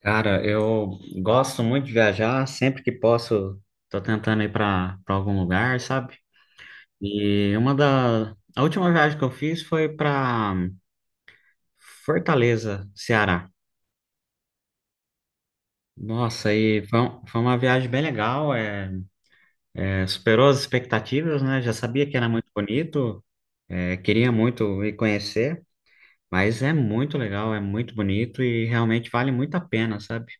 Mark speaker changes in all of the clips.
Speaker 1: Cara, eu gosto muito de viajar, sempre que posso, tô tentando ir para algum lugar, sabe? E uma da a última viagem que eu fiz foi para Fortaleza, Ceará. Nossa, aí foi, foi uma viagem bem legal, superou as expectativas, né? Já sabia que era muito bonito, queria muito ir conhecer, mas é muito legal, é muito bonito e realmente vale muito a pena, sabe?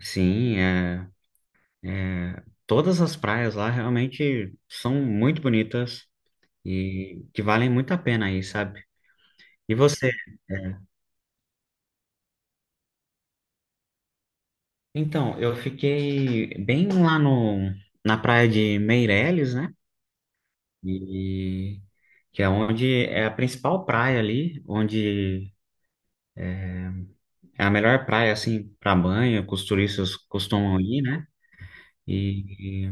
Speaker 1: Sim, é. É, todas as praias lá realmente são muito bonitas e que valem muito a pena aí, sabe? E você? Então, eu fiquei bem lá no, na praia de Meireles, né? E que é onde é a principal praia ali, onde é a melhor praia assim para banho, que os turistas costumam ir, né? E,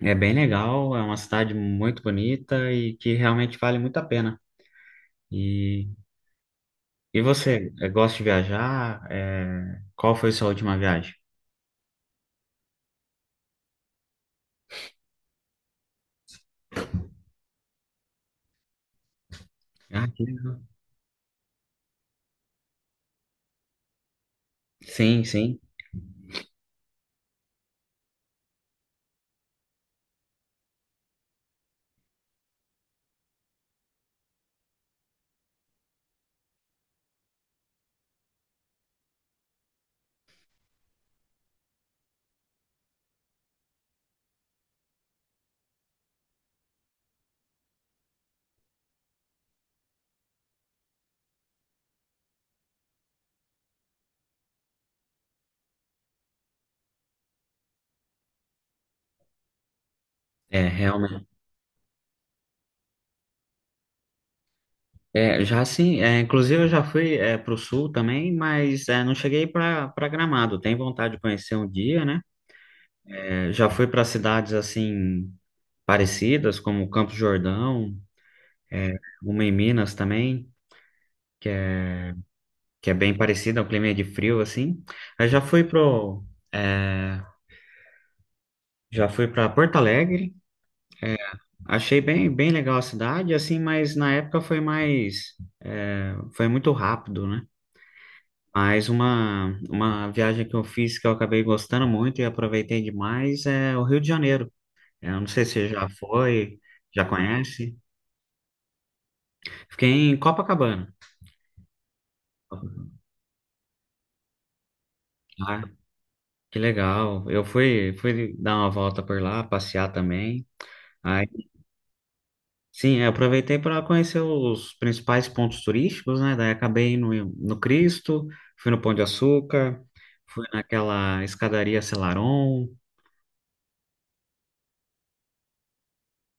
Speaker 1: é bem legal, é uma cidade muito bonita e que realmente vale muito a pena. E e você, gosta de viajar? Qual foi sua última viagem? Ah, que legal. Sim, sim. É, realmente. É, já sim, é, inclusive eu já fui para o sul também, mas é, não cheguei para Gramado. Tenho vontade de conhecer um dia, né? É, já fui para cidades assim parecidas, como Campos do Jordão, é, uma em Minas também, que é, que é bem parecida, é um clima de frio assim. Eu já fui é, já fui para Porto Alegre. é, Achei bem, bem legal a cidade, assim, mas na época foi foi muito rápido, né? Mas uma viagem que eu fiz que eu acabei gostando muito e aproveitei demais é o Rio de Janeiro. Eu não sei se você já foi, já conhece. Fiquei em Copacabana. Ah, que legal. Eu fui dar uma volta por lá, passear também. Sim, eu aproveitei para conhecer os principais pontos turísticos, né? Daí acabei no Cristo, fui no Pão de Açúcar, fui naquela escadaria Selarón.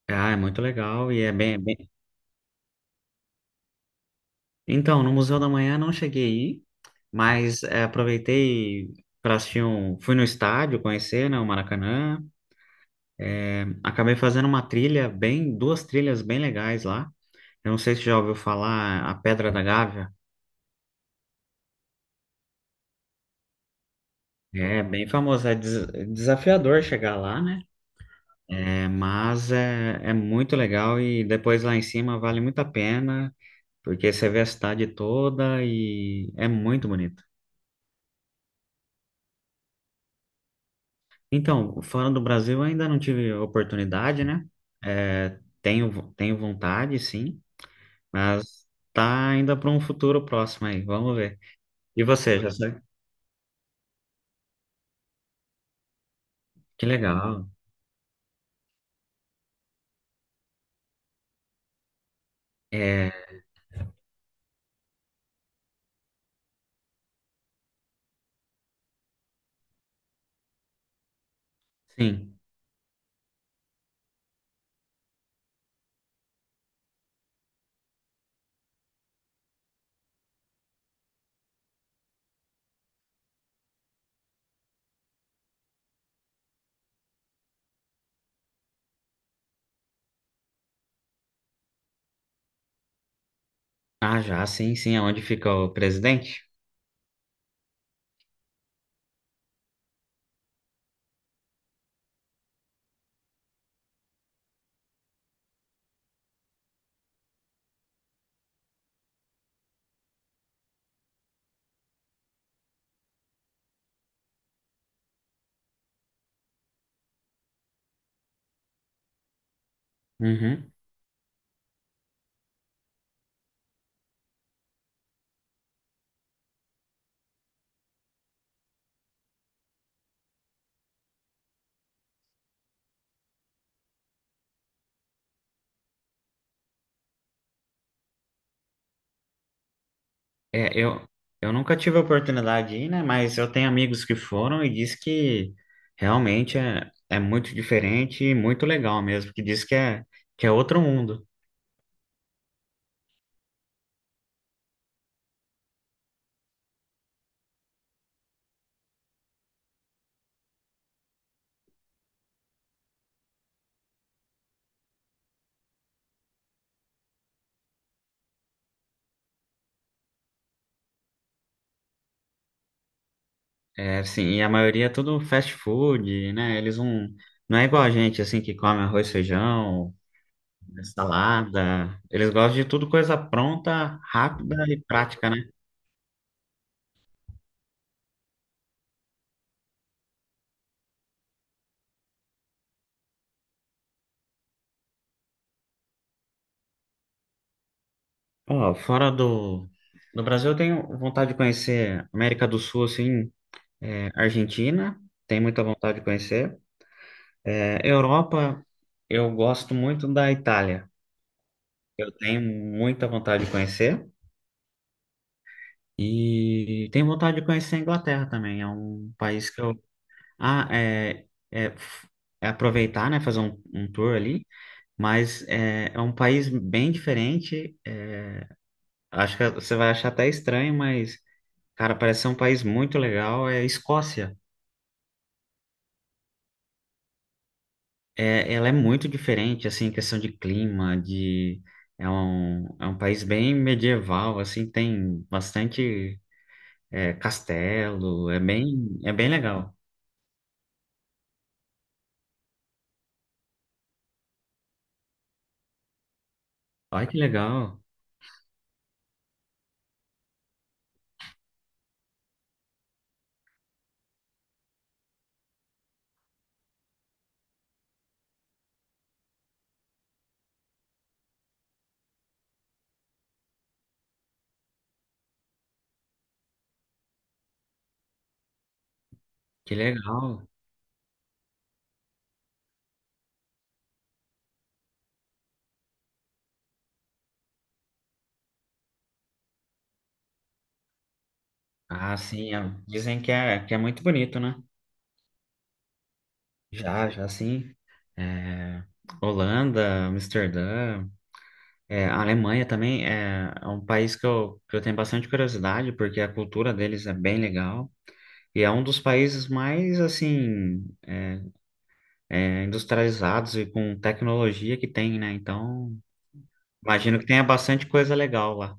Speaker 1: Ah, é muito legal e é bem... Então, no Museu da Manhã não cheguei a ir, mas aproveitei para assistir um... Fui no estádio conhecer, né, o Maracanã. Acabei fazendo uma trilha bem... Duas trilhas bem legais lá. Eu não sei se já ouviu falar a Pedra da Gávea. É bem famosa, desafiador chegar lá, né? Mas é muito legal e depois lá em cima vale muito a pena, porque você vê a cidade toda e é muito bonito. Então, fora do Brasil ainda não tive oportunidade, né? É, tenho vontade, sim, mas tá ainda para um futuro próximo aí, vamos ver. E você, já sabe? Que legal. É, sim. Ah, já, sim, sim, é onde fica o presidente? Uhum. É, eu, eu nunca tive a oportunidade de ir, né? Mas eu tenho amigos que foram e diz que realmente é muito diferente e muito legal mesmo, que diz que é outro mundo. É assim, e a maioria é tudo fast food, né? Eles não é igual a gente, assim, que come arroz, feijão, salada. Eles gostam de tudo coisa pronta, rápida e prática, né? Ó, do Brasil, eu tenho vontade de conhecer América do Sul, assim, é, Argentina, tem muita vontade de conhecer. É, Europa, eu gosto muito da Itália. Eu tenho muita vontade de conhecer. E tenho vontade de conhecer a Inglaterra também. É um país que eu. Ah, é, é, f- É aproveitar, né? Fazer um tour ali. Mas é, é um país bem diferente. Acho que você vai achar até estranho, mas, cara, parece ser um país muito legal. É a Escócia. É, ela é muito diferente, assim, em questão de clima, de... é um país bem medieval, assim, tem bastante castelo, é é bem legal. Olha que legal, que legal. Ah, sim, é- dizem que é muito bonito, né? Já, já, sim. É, Holanda, Amsterdã, é, a Alemanha também é um país que eu tenho bastante curiosidade, porque a cultura deles é bem legal. E é um dos países mais, assim, industrializados e com tecnologia que tem, né? Então, imagino que tenha bastante coisa legal lá.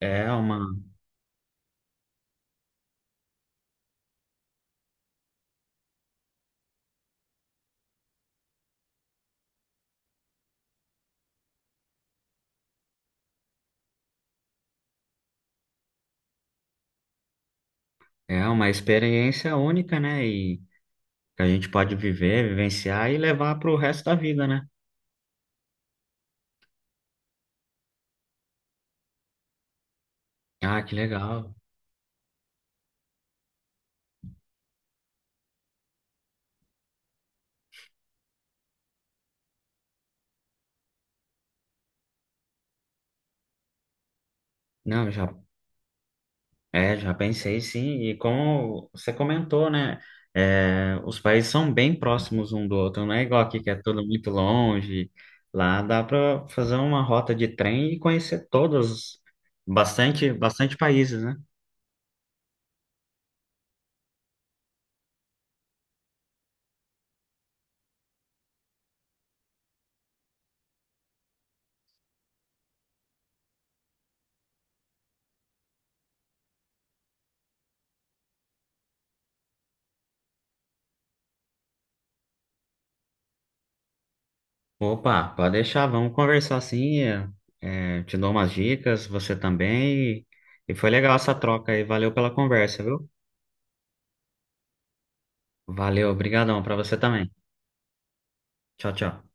Speaker 1: É uma, é uma experiência única, né? E que a gente pode viver, vivenciar e levar para o resto da vida, né? Ah, que legal. Não, já é, já pensei sim, e como você comentou, né? é, os países são bem próximos um do outro, não é igual aqui que é tudo muito longe. Lá dá para fazer uma rota de trem e conhecer todos, bastante, bastante países, né? Opa, pode deixar, vamos conversar assim. Te dou umas dicas, você também. E foi legal essa troca aí, valeu pela conversa, viu? Valeu, obrigadão para você também. Tchau, tchau.